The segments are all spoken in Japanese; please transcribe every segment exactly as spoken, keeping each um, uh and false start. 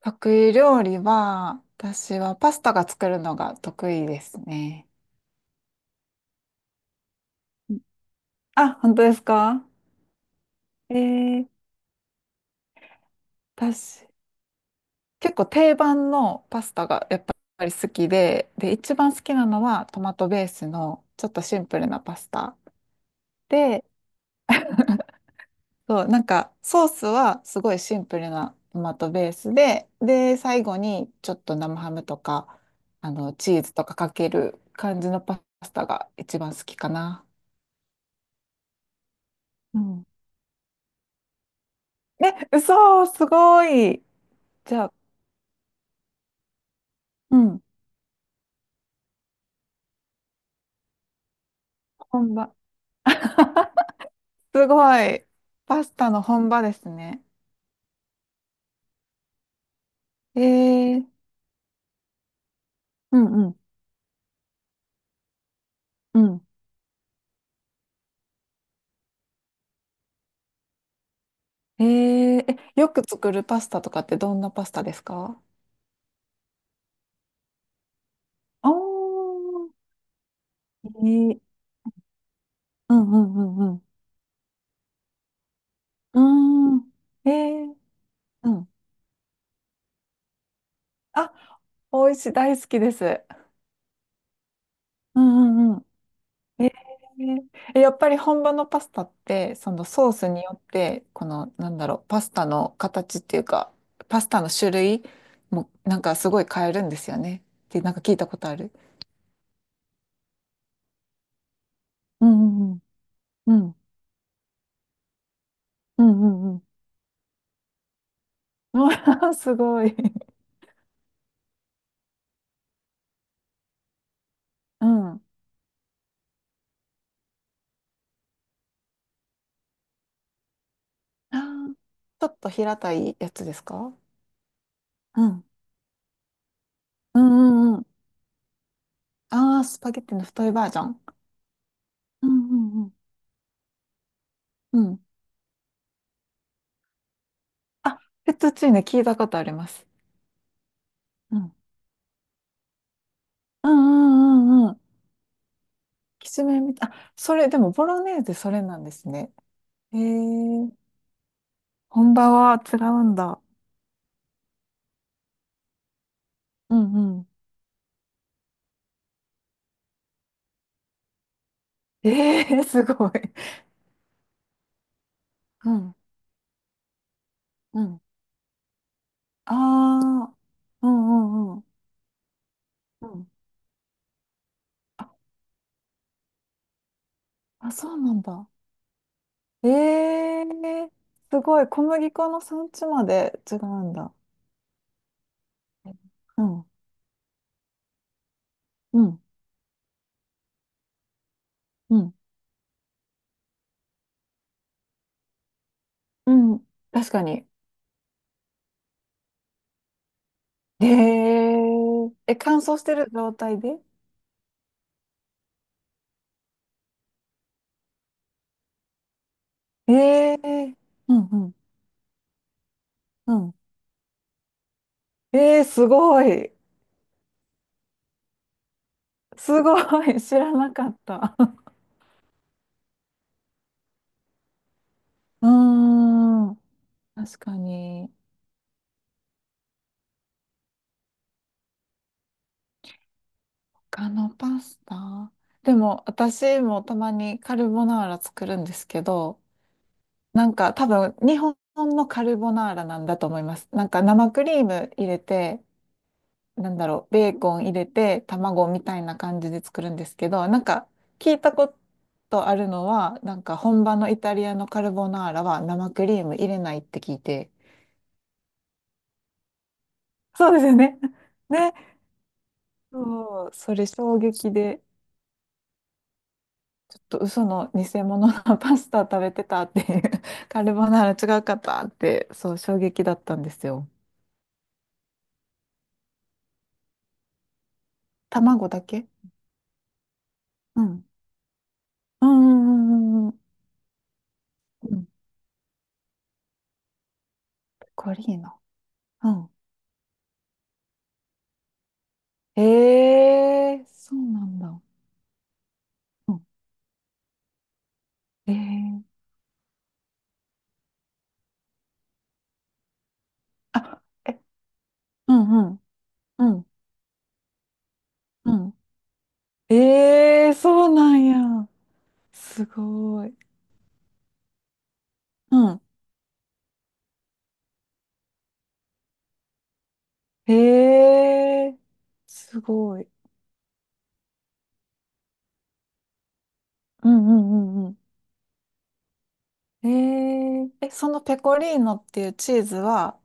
得意料理は、私はパスタが作るのが得意ですね。あ、本当ですか？えー、私、結構定番のパスタがやっぱり好きで、で、一番好きなのはトマトベースのちょっとシンプルなパスタ。で、そう、なんかソースはすごいシンプルなトマトベースで、で、最後にちょっと生ハムとか、あの、チーズとかかける感じのパスタが一番好きかな。え、嘘、すごい。じゃあ、うん。本場。すごい。パスタの本場ですね。えー、うんうん。うん。えー、え、よく作るパスタとかってどんなパスタですか？おー。えー、うんうんうんうん。うーん。えー、うん。あ、美味しい、大好きです。うんうんうん。ええ、やっぱり本場のパスタって、そのソースによって、この、なんだろう、パスタの形っていうか、パスタの種類も、なんかすごい変えるんですよね。ってなんか聞いたことある。うんうんうん。うんうんうんうん。うわ すごい。うん。あー、ちょっと平たいやつですか？うん。うんうんうん。ああ、スパゲッティの太いバージョン。うんうんうん。うん。あ、フェットチーネ聞いたことあります。うん。うんうんうんうん。きつめみたい。あ、それ、でも、ボロネーゼ、それなんですね。えー、本場は違うんだ。うんうん。えー、すごい。うん、うん。ああ、うんうんうん。うん。あ、そうなんだ。ええー、すごい。小麦粉の産地まで違うんだ。うん、うん、うん、うん。確かに。えー、え、乾燥してる状態で？ええー、うん、うん、うん。ええー、すごい。すごい、知らなかった。うーん、確かに。他のパスタ、でも、私もたまにカルボナーラ作るんですけど、なんか多分、日本のカルボナーラなんだと思います。なんか生クリーム入れて、なんだろう、ベーコン入れて、卵みたいな感じで作るんですけど、なんか聞いたことあるのは、なんか本場のイタリアのカルボナーラは生クリーム入れないって聞いて。そうですよね。ね。そう、それ衝撃で、ちょっと嘘の偽物のパスタ食べてたっていう、カルボナーラ違うかったって、そう、衝撃だったんですよ。卵だけ。うん。うんうんうんうんうん。うん。ペコリーノ。うん。えー、そうなんだ。うん。えーあ、え、うんうん。うん。うん。ええー、そうなんや。すごい。うん。ええー、すごい。うんうんうんうん、えーそうなんや、すごい、うん、ええー、すごい、うんうんうんうん。えー、え、そのペコリーノっていうチーズは、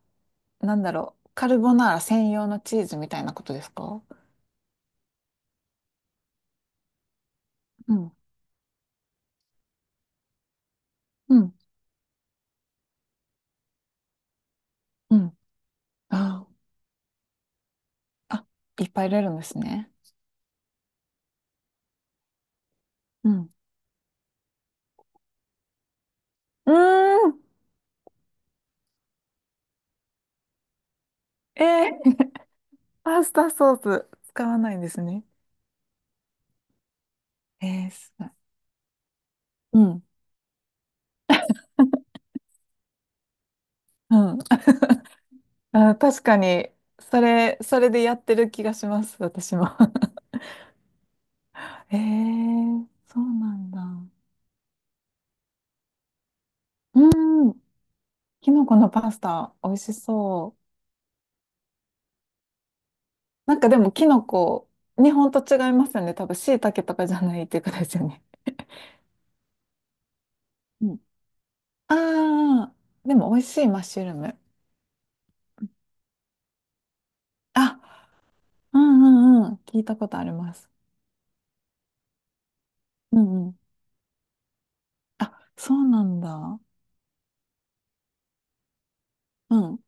なんだろう、カルボナーラ専用のチーズみたいなことですか？うん、うん、うん。あー、あ、いっぱい入れるんですね。うん。うーん、えー、パスタソース使わないんですね。えー、すごい。うん、うん。あー、確かに、それ、それでやってる気がします、私も。えー、そうなんだ。うーん、キノコのパスタ、美味しそう。なんかでもキノコ、日本と違いますよね。多分、椎茸とかじゃないっていうことですよね。うん。ああ、でも美味しいマッシュルーム。あ、うんうんうん。聞いたことあります。うんうん。あ、そうなんだ。うん、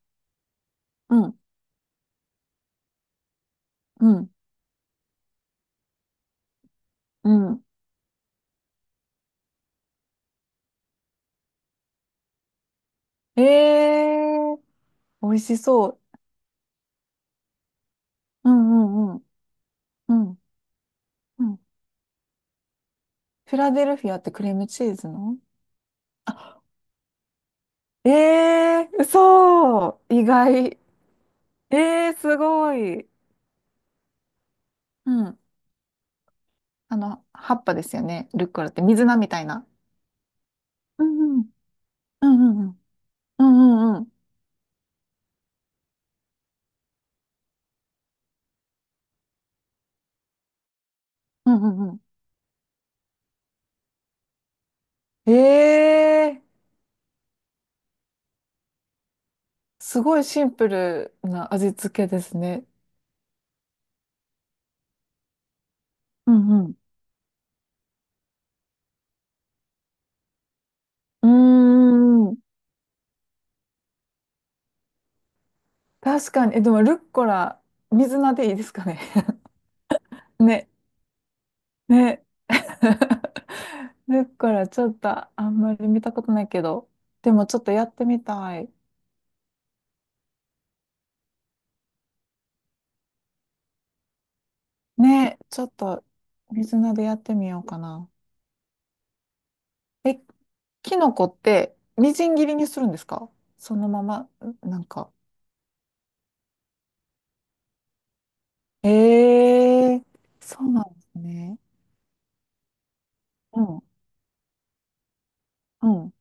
うん、うん、うん。ええー、美味しそう。うんうんうん、うん、うん。フィラデルフィアってクリームチーズの。あ、ええー、そう意外。ええー、すごい。うん。あの、葉っぱですよね。ルッコラって水菜みたいな。うんうんうんうんうんうんうんうんうん。ええー、すごいシンプルな味付けですね。うんうん。うーん。確かに。え、でもルッコラ、水菜でいいですかね。ね、ね。ルッコラ、ちょっとあんまり見たことないけど。でもちょっとやってみたい。ね、ちょっと水菜でやってみようかな。え、キノコってみじん切りにするんですか？そのまま、ん、なんか。ええ、そうなんですね。うん、うん。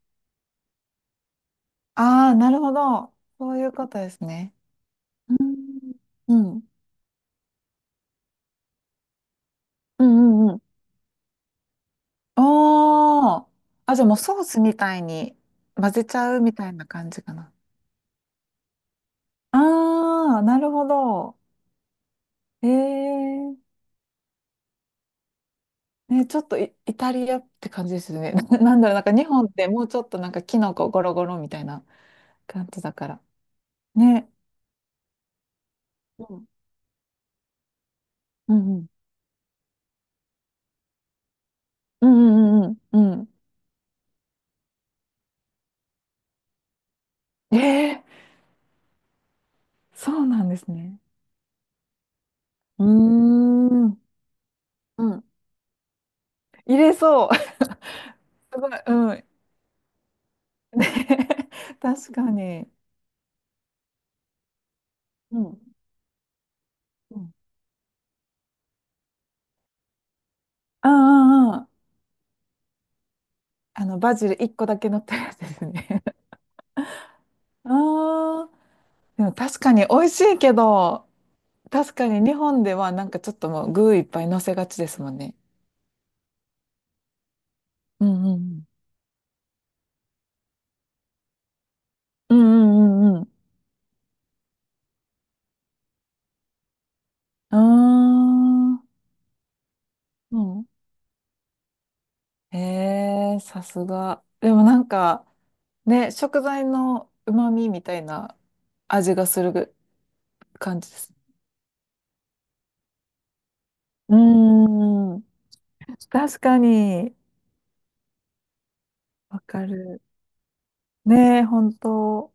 ああ、なるほど。そういうことですね。うん、うん、うん、うん。おー。あ、じゃあもうソースみたいに混ぜちゃうみたいな感じかな。ああ、なるほど。ええ、ね、ちょっとイ、イタリアって感じですね。な、なんだろう、なんか日本ってもうちょっとなんかキノコゴロゴロみたいな感じだから。ね。うん。うんうん。うんうんうんうん。えーそうなんですね。うーん。うん。入れそう。すごい、うん。ね 確かに。うん。うん。ああ、ああ、あの、バジルいっこだけ乗ったやつですね。ああ、でも確かに美味しいけど、確かに日本ではなんかちょっともう具いっぱい乗せがちですもんね。うんうんうん。うんうんうんうん。ああ、うん。へえ、さすが。でもなんか、ね、食材の旨味みたいな味がする感じです。うーん、確かに、わかる。ねえ、本当。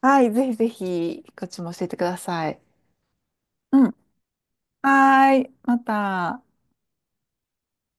はい、ぜひぜひ、こっちも教えてください。うん。はーい、また。